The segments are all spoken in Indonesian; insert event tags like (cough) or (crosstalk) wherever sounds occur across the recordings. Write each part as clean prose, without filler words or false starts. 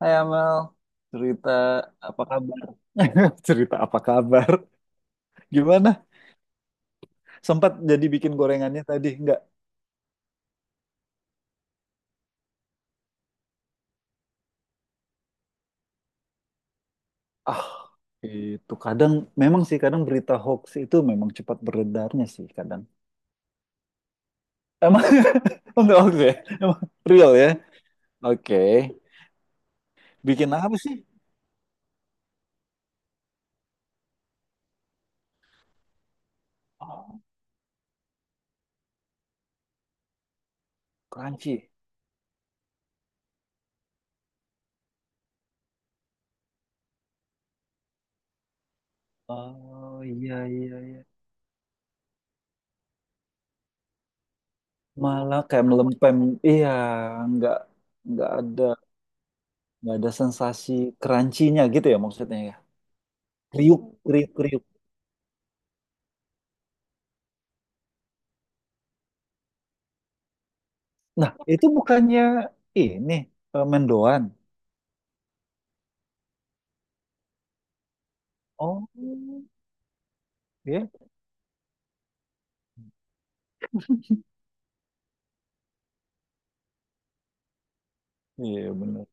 Hai Amal, cerita apa kabar? (laughs) Cerita apa kabar? Gimana? Sempat jadi bikin gorengannya tadi? Enggak. Ah, itu kadang memang sih kadang berita hoax itu memang cepat beredarnya sih kadang. Emang (laughs) enggak hoax ya? Emang real ya? Oke. Bikin apa sih? Oh, crunchy. Oh iya iya iya. Malah kayak melempem. Iya, enggak enggak ada enggak ada sensasi crunchy-nya gitu ya maksudnya ya. Kriuk, kriuk, kriuk. Nah, itu bukannya ini mendoan. Oh, ya. Iya, benar.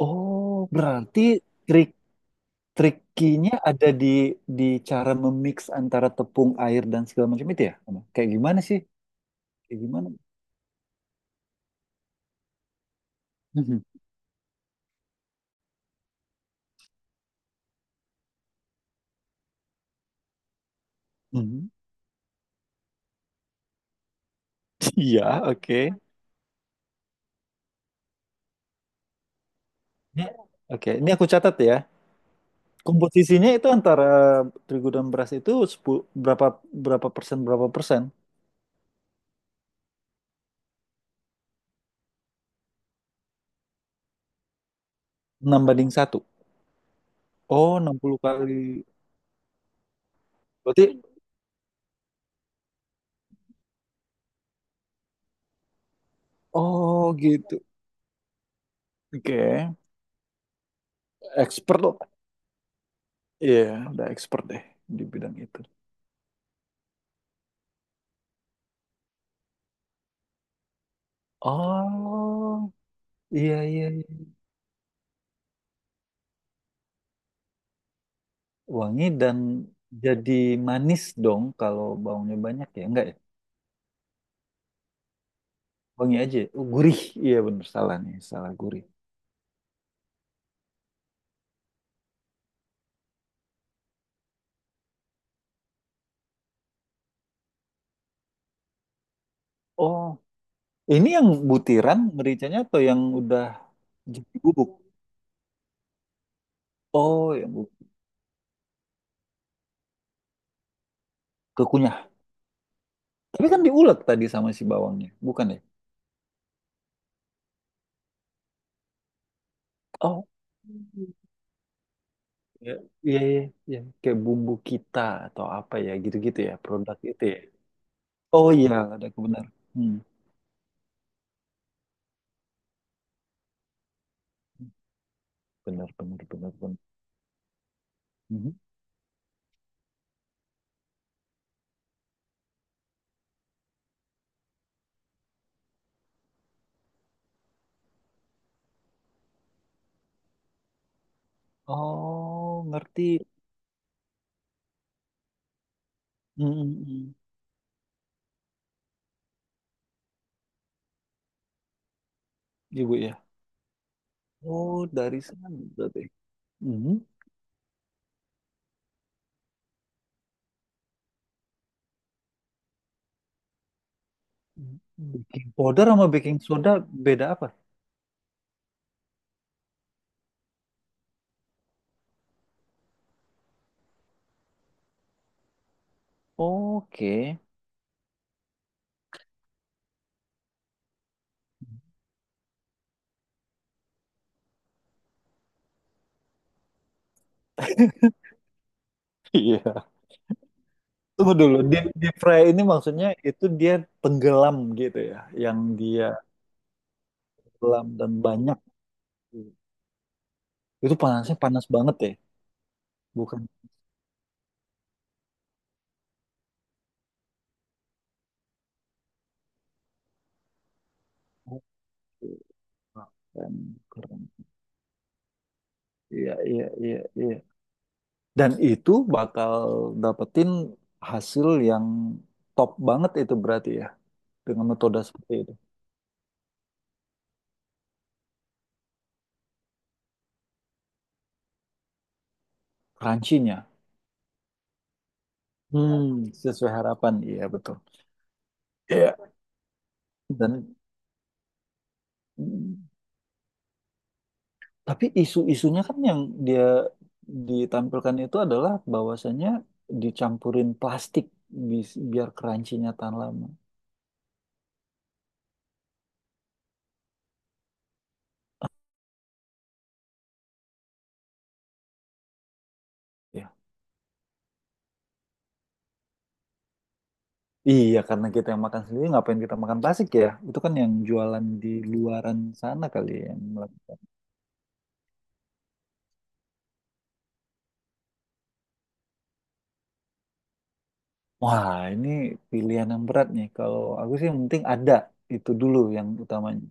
Oh, berarti trik trikinya ada di cara memix antara tepung air dan segala macam itu ya? Ama? Kayak gimana sih? Kayak gimana? Mhm. Mhm. (laughs) Iya, oke. Ya, oke, ini aku catat ya. Komposisinya itu antara terigu dan beras itu 10 berapa berapa persen berapa persen? 6 banding satu. Oh, enam puluh kali. Berarti oh gitu. Oke. Expert loh. Iya, udah expert deh di bidang itu. Oh, iya iya, iya. Wangi dan jadi manis dong kalau baunya banyak ya. Enggak ya? Wangi aja, ya? Oh, gurih. Iya bener salah nih, salah gurih. Oh, ini yang butiran mericanya atau yang udah jadi bubuk? Oh, yang bubuk. Kekunyah. Tapi kan diulek tadi sama si bawangnya, bukan ya? Oh. Ya, iya, iya, iya. Kayak bumbu kita atau apa ya, gitu-gitu ya, produk itu ya. Oh iya, ada kebenar. Hmm. Benar, benar, benar, benar. Mhm. Oh, ngerti. Mm-mm. Ibu ya. Oh, dari sana berarti. Mhm. Baking powder sama baking soda beda apa? Oke. (laughs) Iya. Tunggu dulu, di fry ini maksudnya itu dia tenggelam gitu ya, yang dia tenggelam dan banyak. Itu panasnya panas banget ya, bukan? Keren, keren. Iya, iya, iya, iya. Dan itu bakal dapetin hasil yang top banget itu berarti ya, dengan metode seperti itu. Crunchy-nya. Hmm, sesuai harapan. Iya, betul. Iya. Dan mm, tapi isu-isunya kan yang dia ditampilkan itu adalah bahwasannya dicampurin plastik bis- biar crunchy-nya tahan lama. Ya. Iya, karena kita yang makan sendiri, ngapain kita makan plastik ya? Itu kan yang jualan di luaran sana kali ya, yang melak- Wah, ini pilihan yang berat nih. Kalau aku sih yang penting ada itu dulu yang utamanya.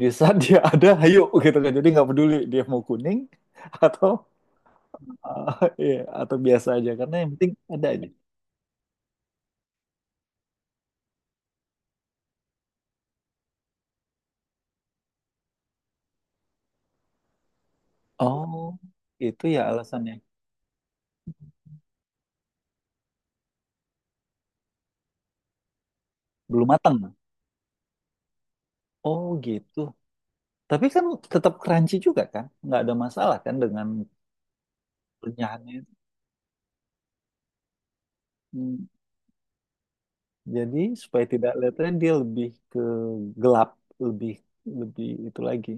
Di saat dia (laughs) ada, ayo gitu kan. Jadi nggak peduli dia mau kuning atau (laughs) iya, atau biasa aja. Karena yang penting ada aja. Oh, itu ya alasannya. Belum matang. Oh gitu. Tapi kan tetap crunchy juga kan? Nggak ada masalah kan dengan penyahannya. Jadi supaya tidak kelihatan dia lebih ke gelap, lebih lebih itu lagi,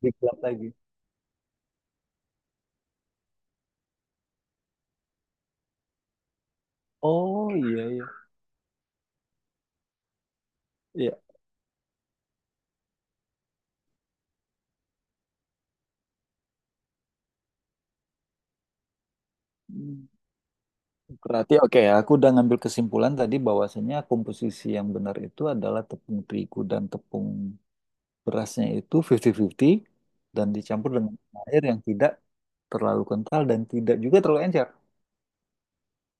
lebih gelap lagi. Oh iya iya. Iya. Hmm, berarti oke ya, aku udah ngambil kesimpulan tadi bahwasanya komposisi yang benar itu adalah tepung terigu dan tepung berasnya itu 50-50 dan dicampur dengan air yang tidak terlalu kental dan tidak juga terlalu encer.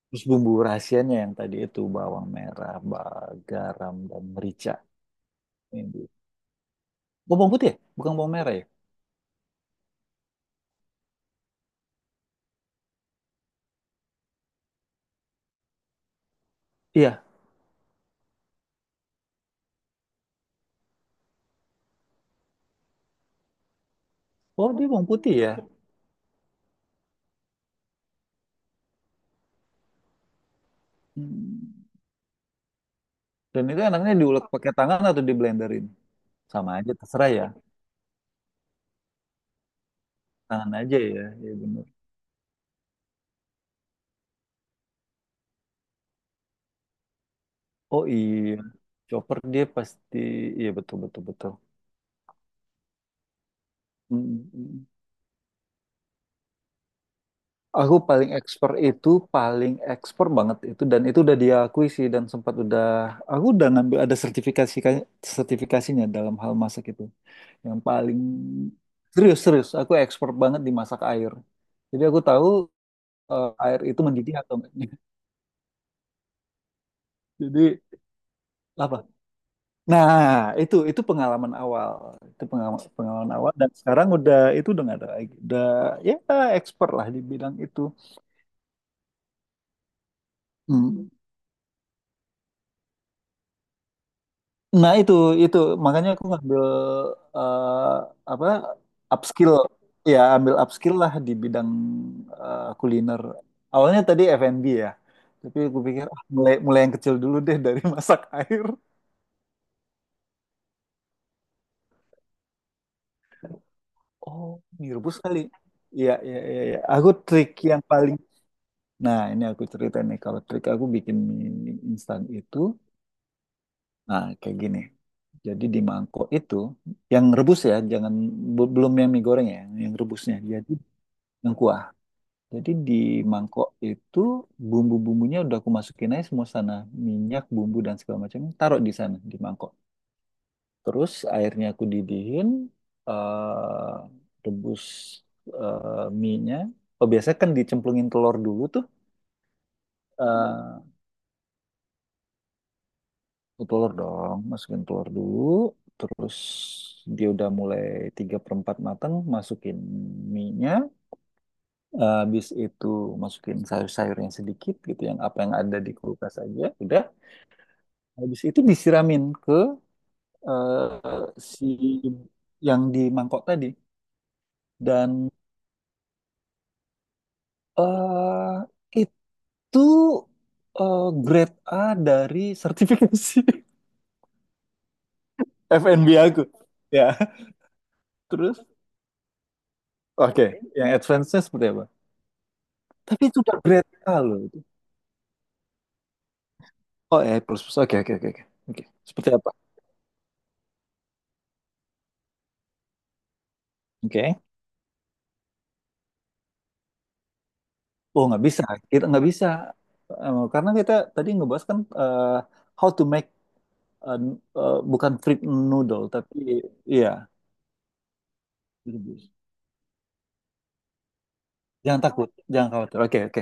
Terus bumbu rahasianya yang tadi itu bawang merah, ba- garam dan merica. Ini. Oh, bawang putih ya? Bukan bawang merah ya? Iya, oh, dia bawang putih ya. Hmm. Dan itu enaknya diulek pakai tangan atau di blenderin? Sama aja, terserah ya. Tangan aja ya, ya bener. Oh iya, chopper dia pasti, iya betul betul betul. Hmm, hmm. Aku paling expert itu, paling expert banget itu dan itu udah diakui sih dan sempat udah, aku udah ngambil ada sertifikasi kan, sertifikasinya dalam hal masak itu. Yang paling serius serius, aku expert banget di masak air. Jadi aku tahu air itu mendidih atau enggaknya. (laughs) Jadi apa? Nah, itu pengalaman awal. Itu pengalaman, pengalaman awal dan sekarang udah itu udah nggak ada lagi. Udah ya expert lah di bidang itu. Hmm. Nah, itu makanya aku ngambil apa? Upskill. Ya, ambil upskill lah di bidang kuliner. Awalnya tadi F&B ya. Tapi aku pikir ah, mulai mulai yang kecil dulu deh dari (laughs) masak air. Oh, mie rebus kali. Iya, iya, iya, iya. Aku trik yang paling Nah, ini aku cerita nih, kalau trik aku bikin mie instan itu, nah kayak gini. Jadi di mangkok itu, yang rebus ya, jangan be- belum yang mie goreng ya, yang rebusnya. Jadi yang kuah. Jadi di mangkok itu bumbu-bumbunya udah aku masukin aja semua sana, minyak, bumbu dan segala macam, taruh di sana di mangkok. Terus airnya aku didihin, eh rebus mie-nya. Oh biasanya kan dicemplungin telur dulu tuh. eh, Telur dong, masukin telur dulu, terus dia udah mulai 3 per 4 matang, masukin mie-nya. Eh, habis itu masukin sayur-sayurnya sedikit gitu, yang apa yang ada di kulkas aja, udah. Habis itu disiramin ke eh, si yang di mangkok tadi. Dan eh itu grade A dari sertifikasi (laughs) FNB aku. Ya, terus oke, yang advance-nya seperti apa? Tapi itu udah berita loh. Oh, A I plus plus. Oke, oke, oke, oke. Oke. Seperti apa? Oke. Oh, nggak bisa. Kita nggak bisa. Eh, karena kita tadi ngebahas kan how to make eh, bukan fruit noodle, tapi iya. Rebus. Jangan takut, jangan khawatir. Oke, oke.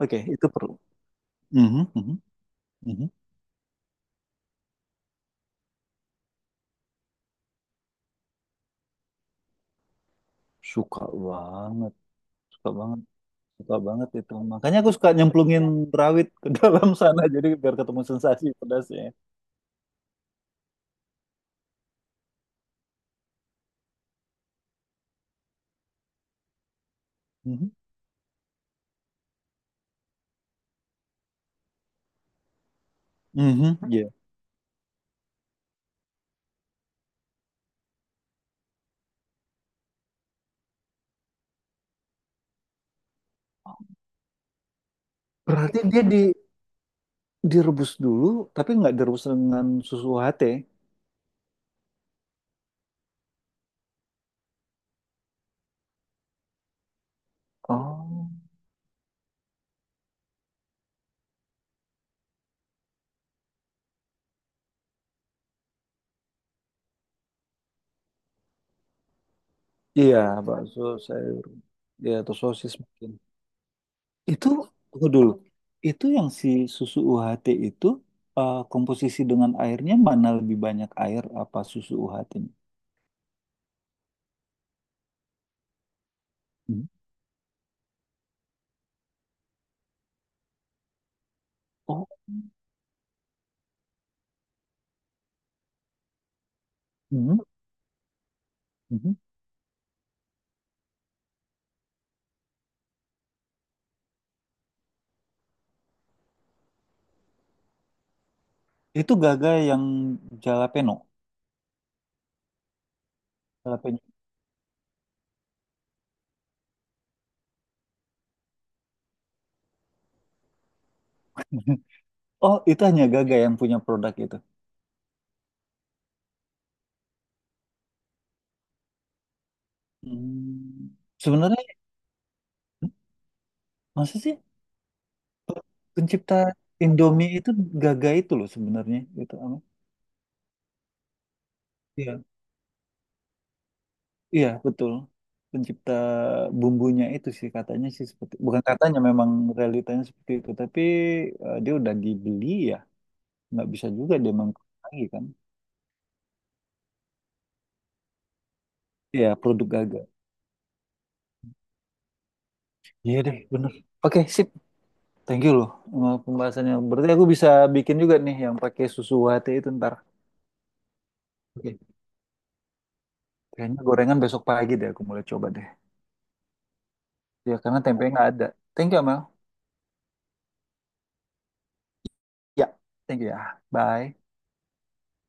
Oke, itu perlu. Mhm, mhm, mhm. Suka banget, suka banget, suka banget itu. Makanya aku suka nyemplungin rawit ke (laughs) dalam sana jadi biar ketemu sensasi pedasnya. Mhm, mhm, iya. Berarti dia di direbus dulu, tapi nggak direbus dengan susu UHT. Oh, iya, bakso, sayur, ya atau sosis mungkin. Itu tunggu dulu. Itu yang si susu UHT itu komposisi dengan airnya mana lebih banyak air apa susu UHT ini? Hmm. Oh, hmm, hmm. Itu Gaga yang jalapeno. Jalapeno. (laughs) Oh, itu hanya Gaga yang punya produk itu. Hmm. Sebenarnya masa sih Pencipta Indomie itu Gaga itu loh sebenarnya gitu apa? Iya, iya betul. Pencipta bumbunya itu sih katanya sih seperti bukan katanya memang realitanya seperti itu, tapi dia udah dibeli ya, nggak bisa juga dia mengklaim lagi kan. Iya, produk Gaga. Iya deh, bener. Oke, sip. Thank you loh sama pembahasannya. Berarti aku bisa bikin juga nih yang pakai susu UHT itu ntar. Oke. Kayaknya gorengan besok pagi deh aku mulai coba deh. Ya, karena tempe nggak ada. Thank you, Amel. Ya, thank you ya. Bye.